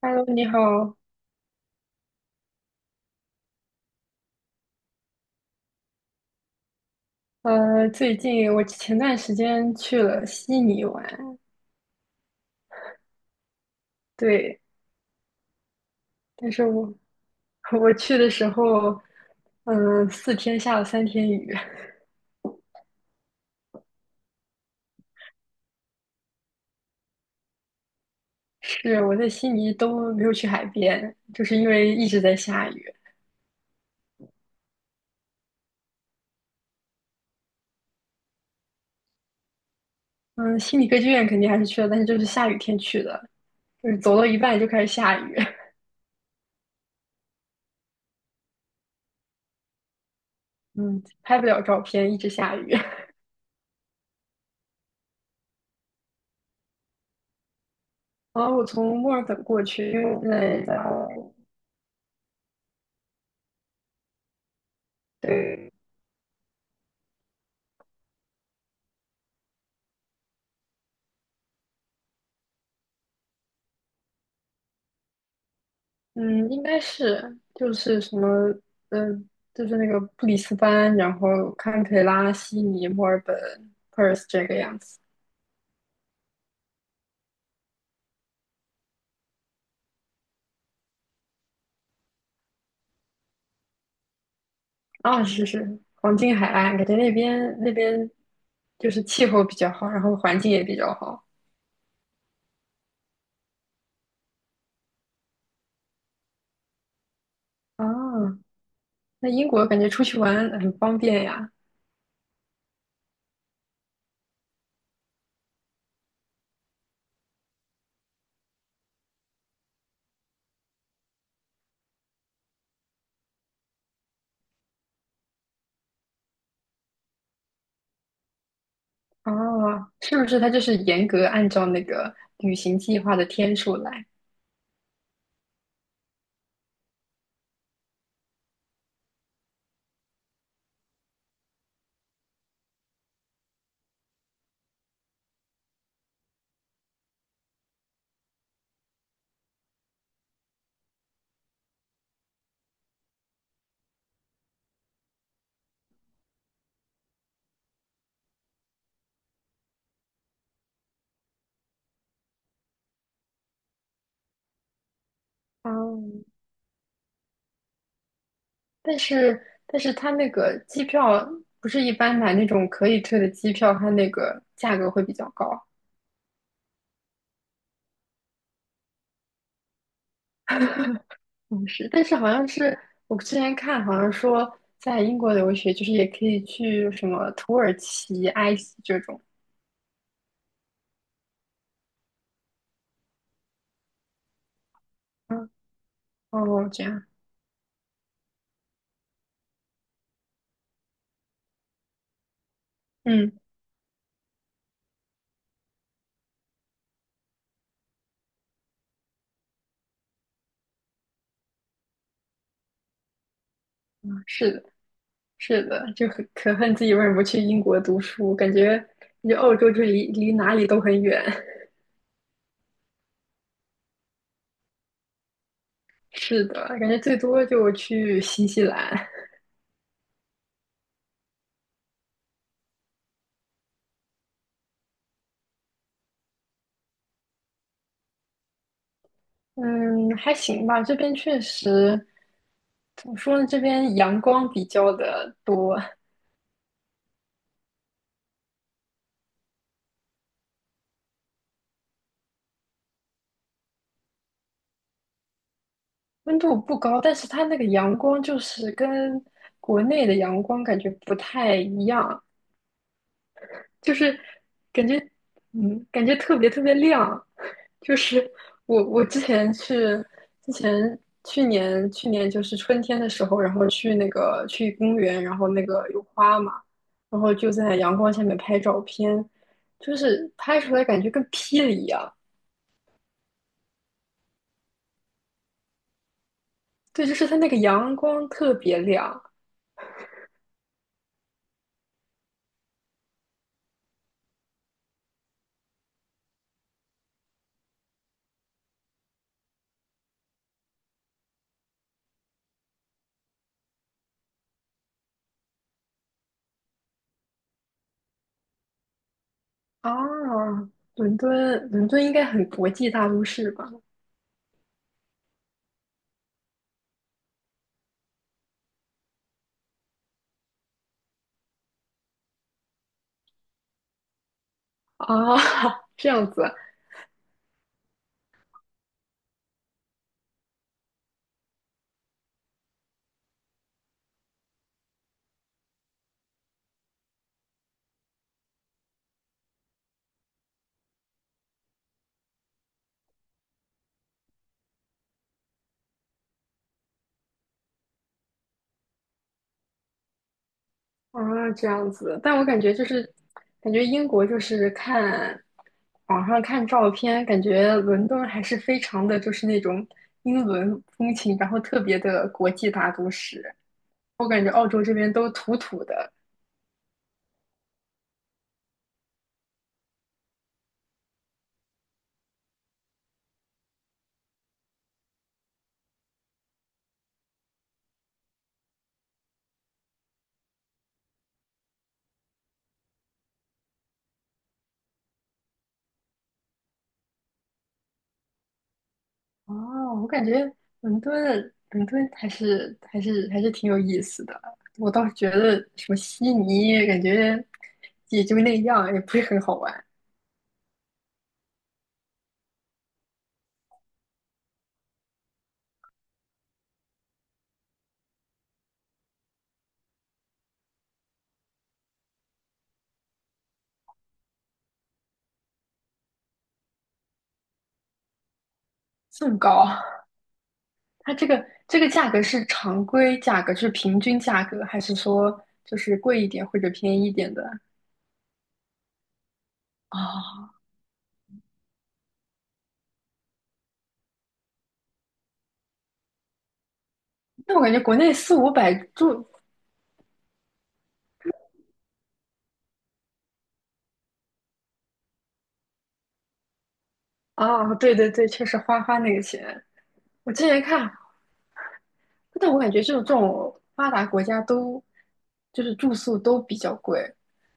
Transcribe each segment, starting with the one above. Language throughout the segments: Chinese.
Hello，你好。最近我前段时间去了悉尼玩，对，但是我 我去的时候，4天下了3天雨。是，我在悉尼都没有去海边，就是因为一直在下雨。嗯，悉尼歌剧院肯定还是去了，但是就是下雨天去的，就是走到一半就开始下雨。嗯，拍不了照片，一直下雨。然后我从墨尔本过去，因为我在。对。嗯，应该是就是什么，呃，就是那个布里斯班，然后堪培拉、悉尼、墨尔本、Perth 这个样子。啊、是是，黄金海岸，感觉那边就是气候比较好，然后环境也比较好。啊，那英国感觉出去玩很方便呀。啊，是不是它就是严格按照那个旅行计划的天数来？啊？但是但是它那个机票不是一般买那种可以退的机票，它那个价格会比较高。嗯，是，但是好像是我之前看，好像说在英国留学就是也可以去什么土耳其、埃及这种。嗯，哦，这样，嗯，是的，是的，就很可恨自己为什么不去英国读书，感觉欧洲就离哪里都很远。是的，感觉最多就去新西兰。嗯，还行吧，这边确实，怎么说呢？这边阳光比较的多，温度不高，但是它那个阳光就是跟国内的阳光感觉不太一样，就是感觉，感觉特别特别亮。就是我之前去，之前去年就是春天的时候，然后去那个去公园，然后那个有花嘛，然后就在阳光下面拍照片，就是拍出来感觉跟霹雳一样。对，就是它那个阳光特别亮啊。伦敦应该很国际大都市吧？啊，这样子。啊，这样子，但我感觉就是，感觉英国就是看网上看照片，感觉伦敦还是非常的就是那种英伦风情，然后特别的国际大都市。我感觉澳洲这边都土土的。哦，我感觉伦敦还是挺有意思的。我倒是觉得什么悉尼，感觉也就那样，也不是很好玩。这么高。它这个价格是常规价格，是平均价格，还是说就是贵一点或者便宜一点的？哦，那我感觉国内四五百住，哦，对对对，确实花那个钱。我之前看，但我感觉就是这种发达国家都就是住宿都比较贵，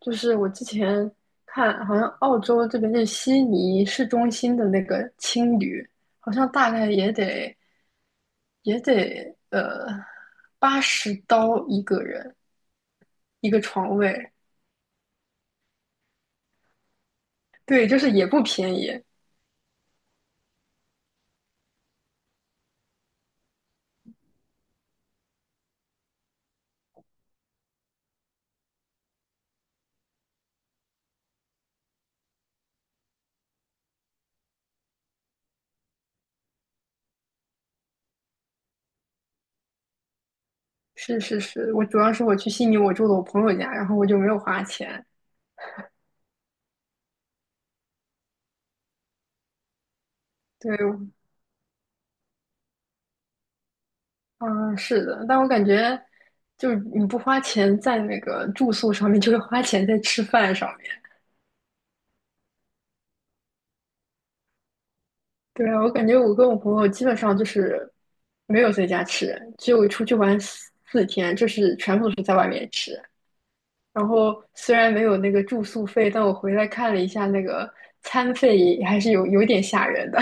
就是我之前看好像澳洲这边就是悉尼市中心的那个青旅，好像大概也得也得呃80刀一个人，一个床位。对，就是也不便宜。是是是，我主要是我去悉尼，我住的我朋友家，然后我就没有花钱。对，嗯，是的，但我感觉就是你不花钱在那个住宿上面，就是花钱在吃饭上面。对，啊，我感觉我跟我朋友基本上就是没有在家吃，只有出去玩四天，就是全部都是在外面吃。然后虽然没有那个住宿费，但我回来看了一下那个餐费，还是有点吓人的。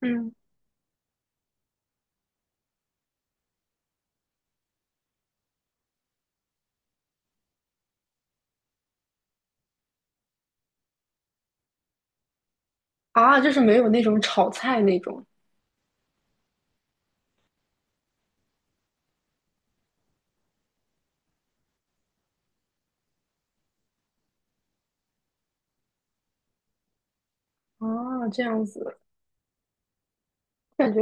嗯。啊，就是没有那种炒菜那种啊，这样子，感觉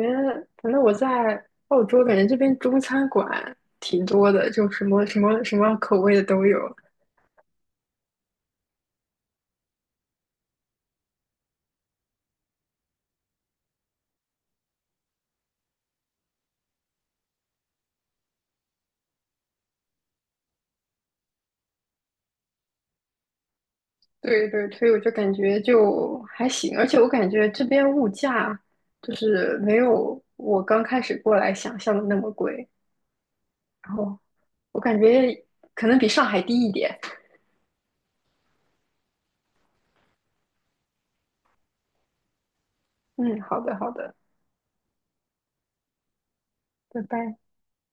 反正我在澳洲，感觉这边中餐馆挺多的，就什么什么什么口味的都有。对对，所以我就感觉就还行，而且我感觉这边物价就是没有我刚开始过来想象的那么贵，然后我感觉可能比上海低一点。嗯，好的好的，拜拜。